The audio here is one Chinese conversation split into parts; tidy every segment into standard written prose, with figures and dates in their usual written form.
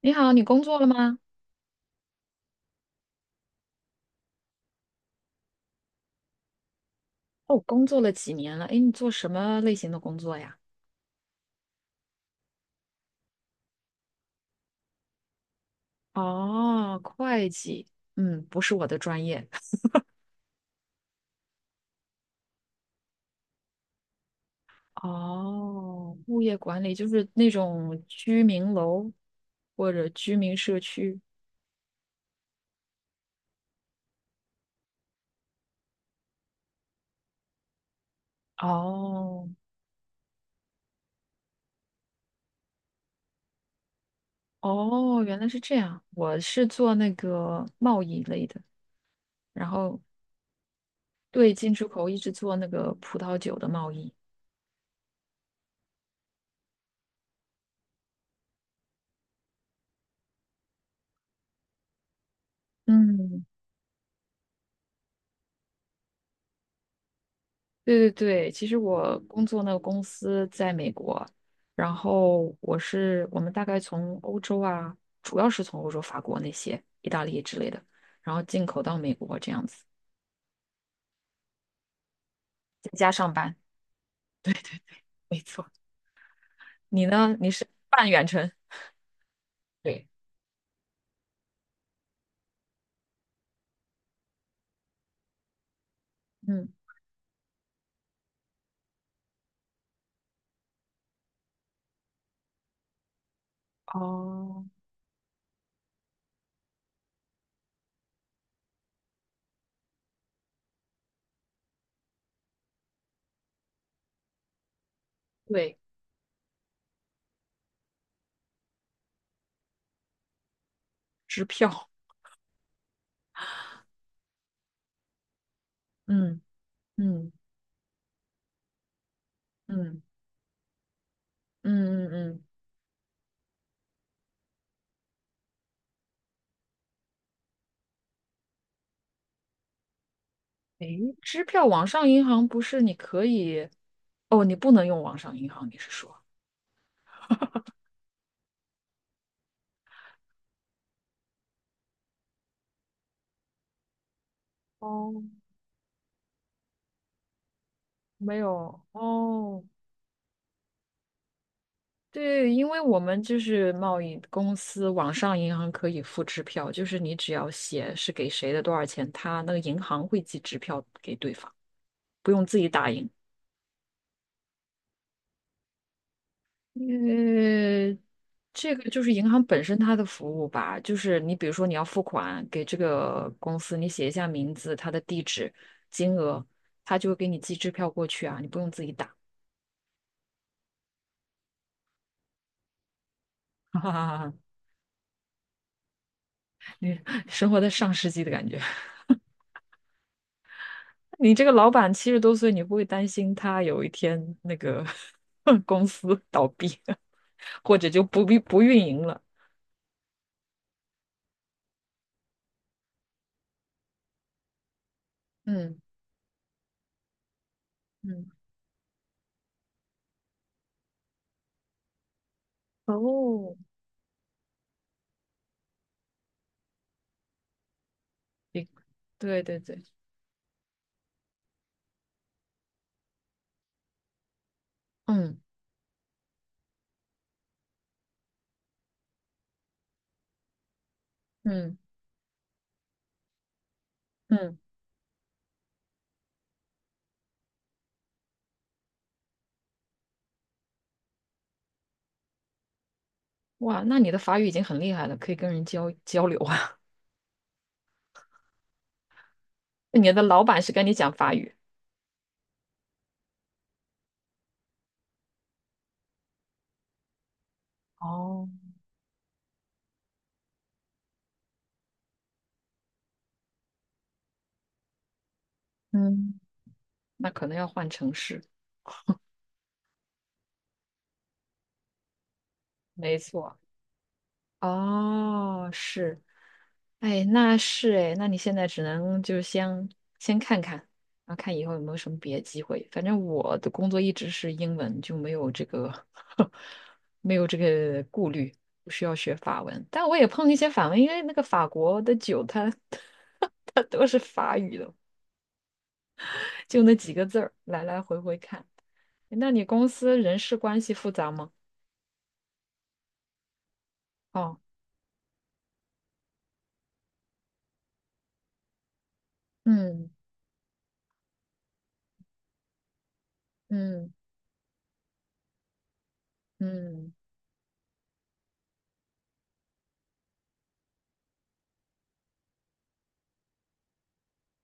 你好，你工作了吗？哦，工作了几年了？哎，你做什么类型的工作呀？哦，会计，嗯，不是我的专业。哦，物业管理就是那种居民楼或者居民社区。哦，哦，原来是这样。我是做那个贸易类的，然后对进出口一直做那个葡萄酒的贸易。嗯，对对对，其实我工作那个公司在美国，然后我们大概从欧洲啊，主要是从欧洲、法国那些、意大利之类的，然后进口到美国这样子，在家上班。没错，你呢？你是半远程？对，嗯，哦，对，支票，嗯嗯嗯嗯嗯嗯，诶，支票网上银行不是你可以？哦，你不能用网上银行，你是说？哦，没有哦，对，因为我们就是贸易公司，网上银行可以付支票，就是你只要写是给谁的多少钱，他那个银行会寄支票给对方，不用自己打印。呃，这个就是银行本身它的服务吧，就是你比如说你要付款给这个公司，你写一下名字、它的地址、金额，他就会给你寄支票过去啊，你不用自己打。哈哈哈哈，你生活在上世纪的感觉。你这个老板70多岁，你不会担心他有一天那个 公司倒闭，或者就不必不运营了？嗯嗯，哦，一对对对，嗯嗯嗯，哇，那你的法语已经很厉害了，可以跟人交流啊。你的老板是跟你讲法语？哦，嗯，那可能要换城市，没错。哦，是，哎，那是哎，那你现在只能就是先先看看，然后看以后有没有什么别的机会。反正我的工作一直是英文，就没有这个 没有这个顾虑，不需要学法文。但我也碰一些法文，因为那个法国的酒它 它都是法语的，就那几个字儿，来来回回看。哎那你公司人事关系复杂吗？哦，嗯嗯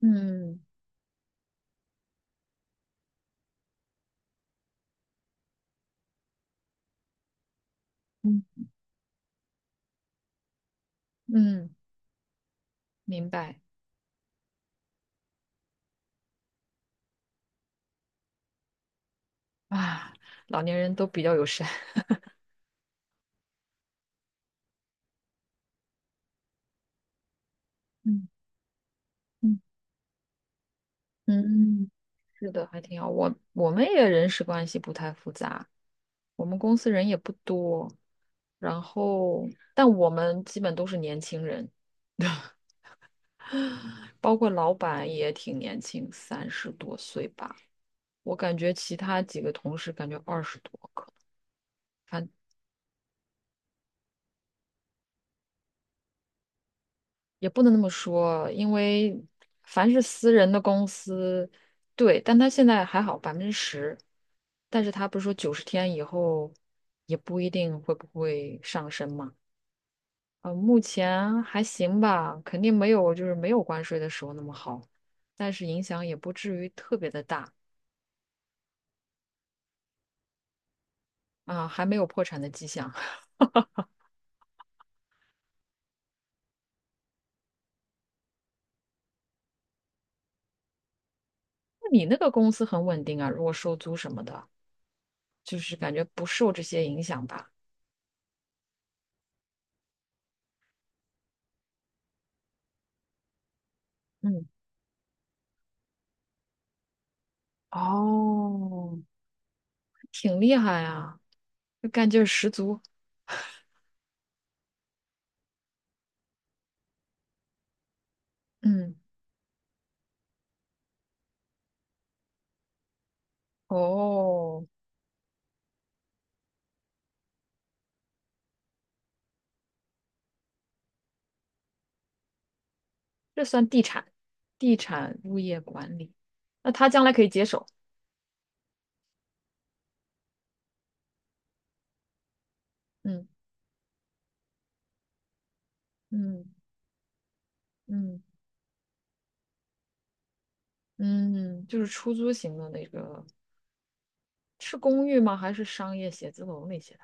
嗯嗯嗯。嗯嗯明白啊，老年人都比较友善。嗯嗯嗯是的，还挺好。我们也人事关系不太复杂，我们公司人也不多，然后但我们基本都是年轻人，包括老板也挺年轻，30多岁吧。我感觉其他几个同事感觉20多，可能。反。也不能那么说，因为凡是私人的公司，对，但他现在还好10%，但是他不是说90天以后也不一定会不会上升嘛？目前还行吧，肯定没有没有关税的时候那么好，但是影响也不至于特别的大啊，还没有破产的迹象。那你那个公司很稳定啊，如果收租什么的，就是感觉不受这些影响吧？嗯，哦，挺厉害啊，就干劲儿十足。嗯，哦，这算地产，地产物业管理。那他将来可以接手。嗯嗯嗯嗯，就是出租型的那个，是公寓吗？还是商业写字楼那些的？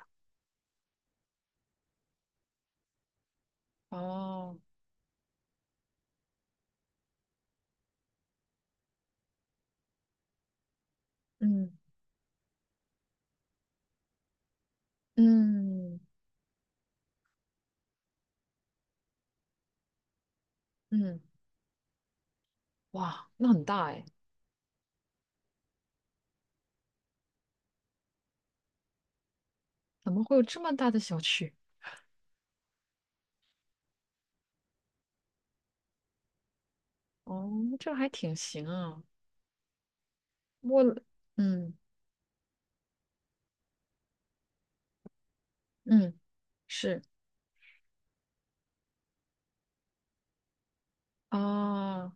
哦，嗯嗯嗯，哇，那很大哎，怎么会有这么大的小区？哦，这还挺行啊。我，嗯嗯，是啊，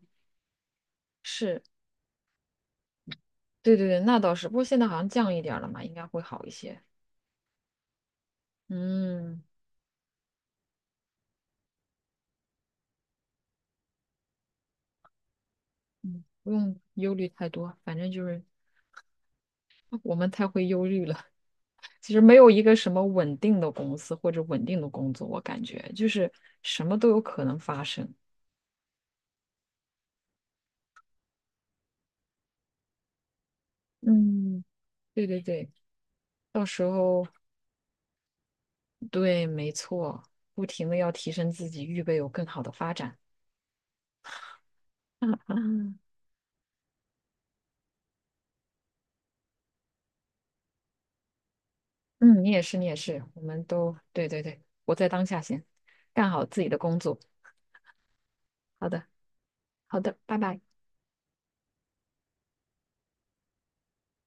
是。对对对，那倒是。不过现在好像降一点儿了嘛，应该会好一些。嗯嗯，不用忧虑太多，反正就是我们太会忧虑了。其实没有一个什么稳定的公司或者稳定的工作，我感觉就是什么都有可能发生。嗯，对对对，到时候对，没错，不停的要提升自己，预备有更好的发展。嗯，你也是，你也是，我们都对对对，活在当下先，干好自己的工作。好的，好的，拜拜。